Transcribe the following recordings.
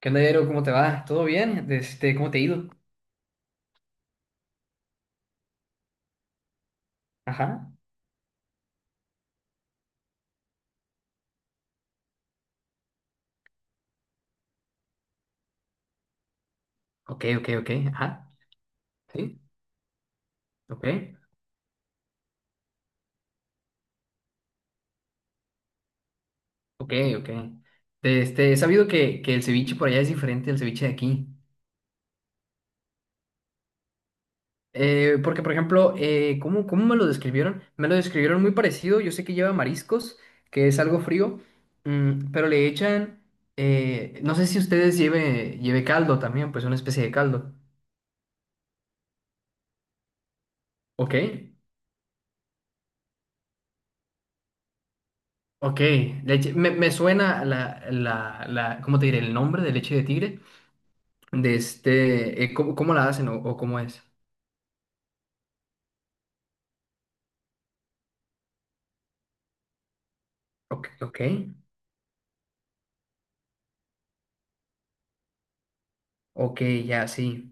¿Qué onda, Jairo? ¿Cómo te va? ¿Todo bien? ¿Cómo te ha ido? Ajá. Ok, ok, ok, ajá, sí, ok, ok, ok. He sabido que el ceviche por allá es diferente al ceviche de aquí. Porque, por ejemplo, ¿cómo, cómo me lo describieron? Me lo describieron muy parecido. Yo sé que lleva mariscos, que es algo frío, pero le echan, no sé si ustedes lleve, caldo también, pues una especie de caldo. Ok, ok, leche, me suena la, ¿cómo te diré? El nombre de leche de tigre. ¿Cómo, cómo la hacen o cómo es? Ok, ok, ok, ya, sí.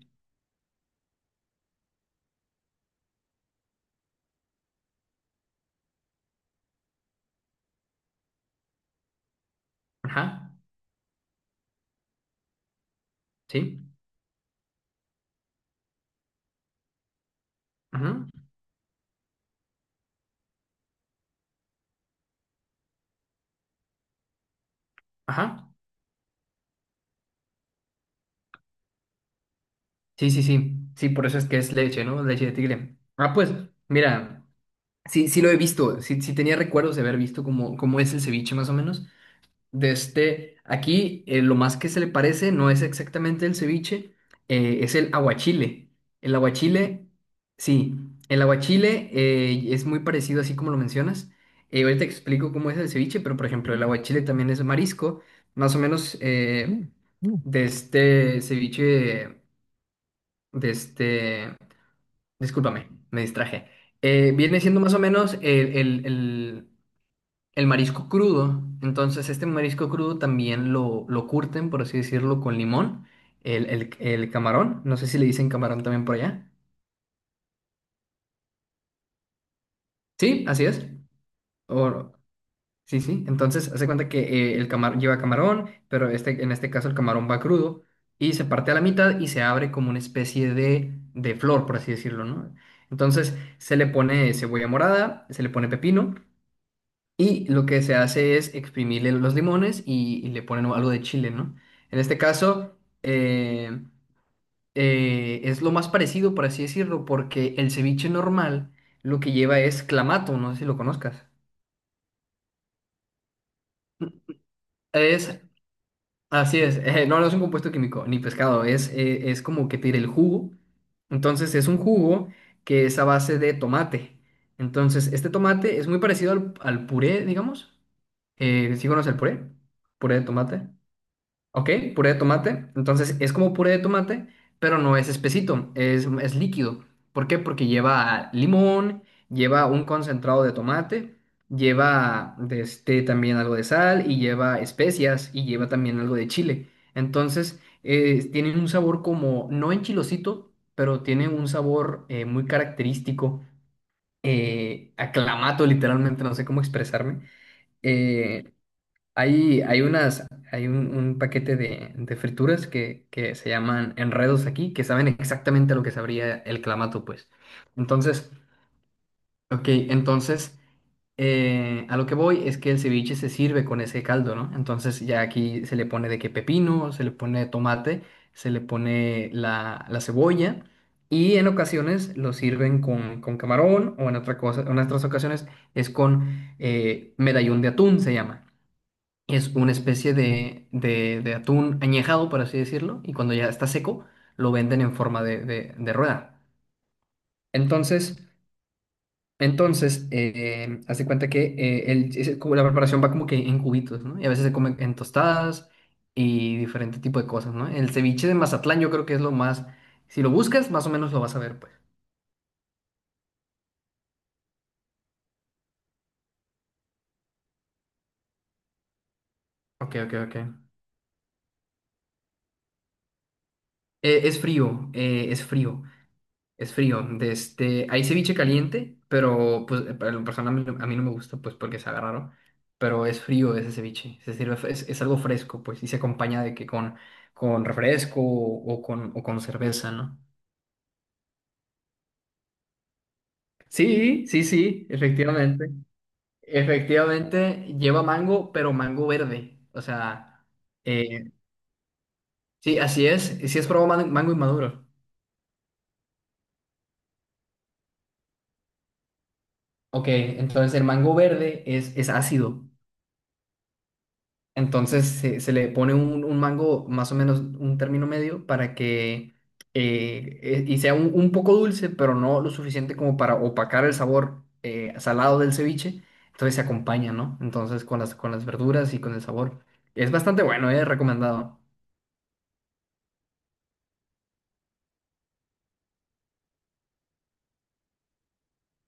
Ajá, sí, ajá, ajá. Sí, sí, sí, sí, por eso es que es leche, ¿no? Leche de tigre. Ah, pues, mira, sí, sí lo he visto, sí, sí tenía recuerdos de haber visto cómo es el ceviche más o menos. Aquí lo más que se le parece no es exactamente el ceviche, es el aguachile. El aguachile, sí, el aguachile es muy parecido así como lo mencionas. Ahorita te explico cómo es el ceviche, pero por ejemplo el aguachile también es marisco. Más o menos de este ceviche, de este, discúlpame, me distraje. Viene siendo más o menos el- el- el marisco crudo. Entonces, este marisco crudo también lo curten, por así decirlo, con limón. El camarón, no sé si le dicen camarón también por allá. Sí, así es. O, sí, sí. Entonces, hace cuenta que el camarón lleva camarón, pero en este caso el camarón va crudo y se parte a la mitad y se abre como una especie de flor, por así decirlo, ¿no? Entonces, se le pone cebolla morada, se le pone pepino. Y lo que se hace es exprimirle los limones y le ponen algo de chile, ¿no? En este caso, eh, es lo más parecido, por así decirlo, porque el ceviche normal lo que lleva es clamato, no sé si lo conozcas. Es, Así es, no, no es un compuesto químico, ni pescado, es como que tira el jugo. Entonces es un jugo que es a base de tomate. Entonces, este tomate es muy parecido al puré, digamos. ¿Sí conoces el puré? Puré de tomate. Ok, puré de tomate. Entonces es como puré de tomate, pero no es espesito, es líquido. ¿Por qué? Porque lleva limón, lleva un concentrado de tomate, lleva también algo de sal y lleva especias y lleva también algo de chile. Entonces tiene un sabor como, no enchilosito, pero tiene un sabor muy característico, aclamato literalmente, no sé cómo expresarme. Eh, hay unas, hay un paquete de frituras que se llaman enredos aquí, que saben exactamente a lo que sabría el clamato, pues. Entonces, ok, entonces a lo que voy es que el ceviche se sirve con ese caldo, ¿no? Entonces ya aquí se le pone de que pepino, se le pone tomate, se le pone la cebolla y en ocasiones lo sirven con camarón o en otra cosa, en otras ocasiones es con medallón de atún, se llama. Es una especie de atún añejado, por así decirlo, y cuando ya está seco, lo venden en forma de rueda. Entonces, entonces haz de cuenta que es como la preparación va como que en cubitos, ¿no? Y a veces se come en tostadas y diferente tipo de cosas, ¿no? El ceviche de Mazatlán yo creo que es lo más. Si lo buscas, más o menos lo vas a ver, pues. Ok, ok, ok. Es frío, es frío. Es frío. Hay ceviche caliente, pero pues para lo personal a mí no me gusta, pues porque se raro. Pero es frío ese ceviche. Se sirve, es algo fresco, pues, y se acompaña de que con refresco o con cerveza, ¿no? Sí, sí, sí, efectivamente. Efectivamente, lleva mango, pero mango verde. O sea, eh, sí, así es. Sí, es probado mango inmaduro. Ok, entonces el mango verde es ácido. Entonces se le pone un mango más o menos un término medio para que y sea un poco dulce, pero no lo suficiente como para opacar el sabor salado del ceviche. Entonces se acompaña, ¿no? Entonces con las verduras y con el sabor. Es bastante bueno, es recomendado.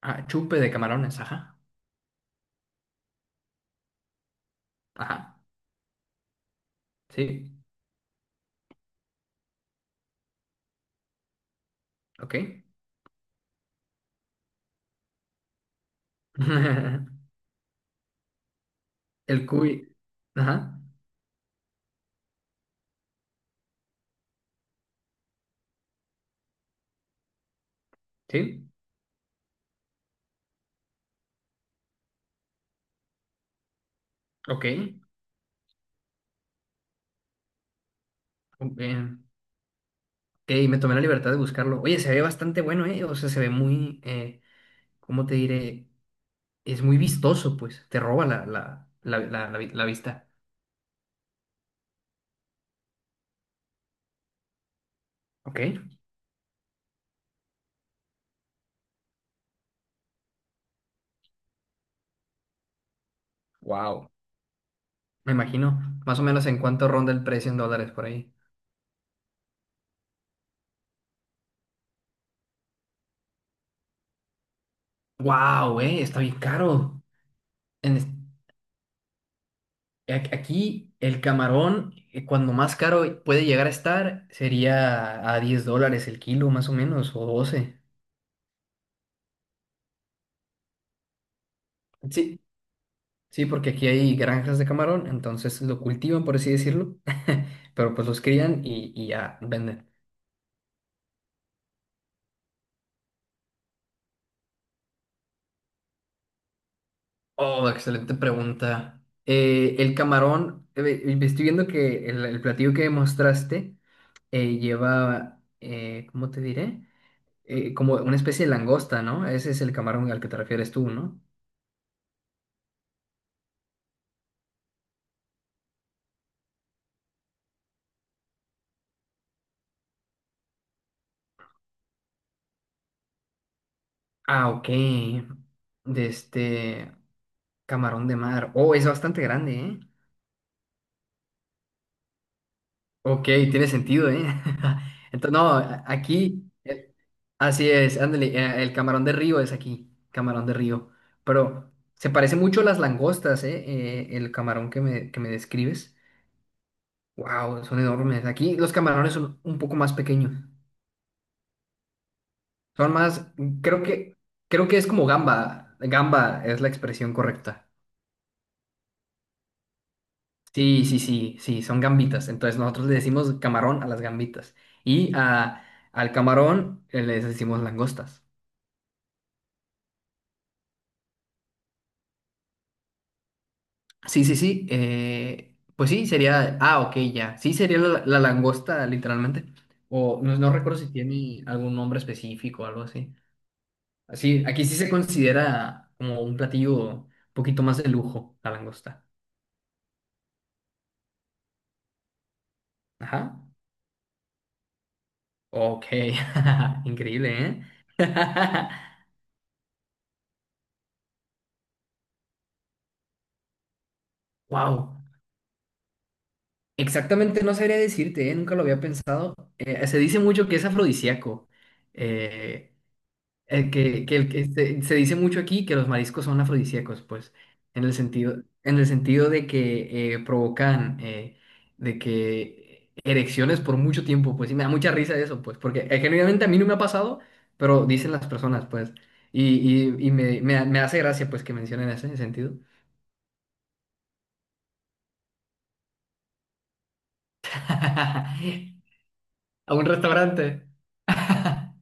Ah, chupe de camarones, ajá. Ajá. Sí, ok. El cuy. Ajá. Sí, ok. Ok. Y me tomé la libertad de buscarlo. Oye, se ve bastante bueno, ¿eh? O sea, se ve muy, ¿cómo te diré? Es muy vistoso, pues. Te roba la vista. Ok. Wow. Me imagino. ¿Más o menos en cuánto ronda el precio en dólares por ahí? ¡Wow, eh! Está bien caro. En es- Aquí el camarón, cuando más caro puede llegar a estar, sería a $10 el kilo, más o menos, o 12. Sí. Sí, porque aquí hay granjas de camarón, entonces lo cultivan, por así decirlo, pero pues los crían y ya venden. Oh, excelente pregunta. El camarón, estoy viendo que el platillo que mostraste lleva, ¿cómo te diré? Como una especie de langosta, ¿no? Ese es el camarón al que te refieres tú, ¿no? Ah, ok. De este Camarón de mar. Oh, es bastante grande, ¿eh? Ok, tiene sentido, ¿eh? Entonces, no, aquí. Así es, ándale, el camarón de río es aquí, camarón de río. Pero se parece mucho a las langostas, ¿eh? El camarón que me describes. Wow, son enormes. Aquí los camarones son un poco más pequeños. Son más, creo que, creo que es como gamba. Gamba es la expresión correcta. Sí, sí, sí, sí, son gambitas. Entonces nosotros le decimos camarón a las gambitas. Y al camarón les decimos langostas. Sí, sí, sí. Pues sí, sería. Ah, ok, ya. Sí, sería la langosta, literalmente. O no, no recuerdo si tiene algún nombre específico o algo así. Así, aquí sí se considera como un platillo un poquito más de lujo, la langosta. Ajá. Ok. Increíble, ¿eh? Wow. Exactamente, no sabría decirte, ¿eh? Nunca lo había pensado. Se dice mucho que es afrodisíaco. Eh, El que, el que este, Se dice mucho aquí que los mariscos son afrodisíacos, pues, en el sentido de que provocan de que erecciones por mucho tiempo, pues, y me da mucha risa eso, pues, porque genuinamente a mí no me ha pasado, pero dicen las personas, pues, y, y me hace gracia, pues, que mencionen ese sentido. A un restaurante.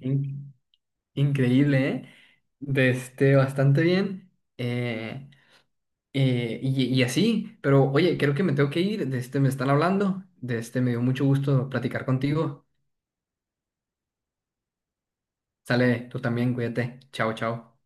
In- Increíble, ¿eh? Bastante bien. Eh, y así, pero oye, creo que me tengo que ir, de este me están hablando, de este me dio mucho gusto platicar contigo. Sale, tú también, cuídate. Chao, chao.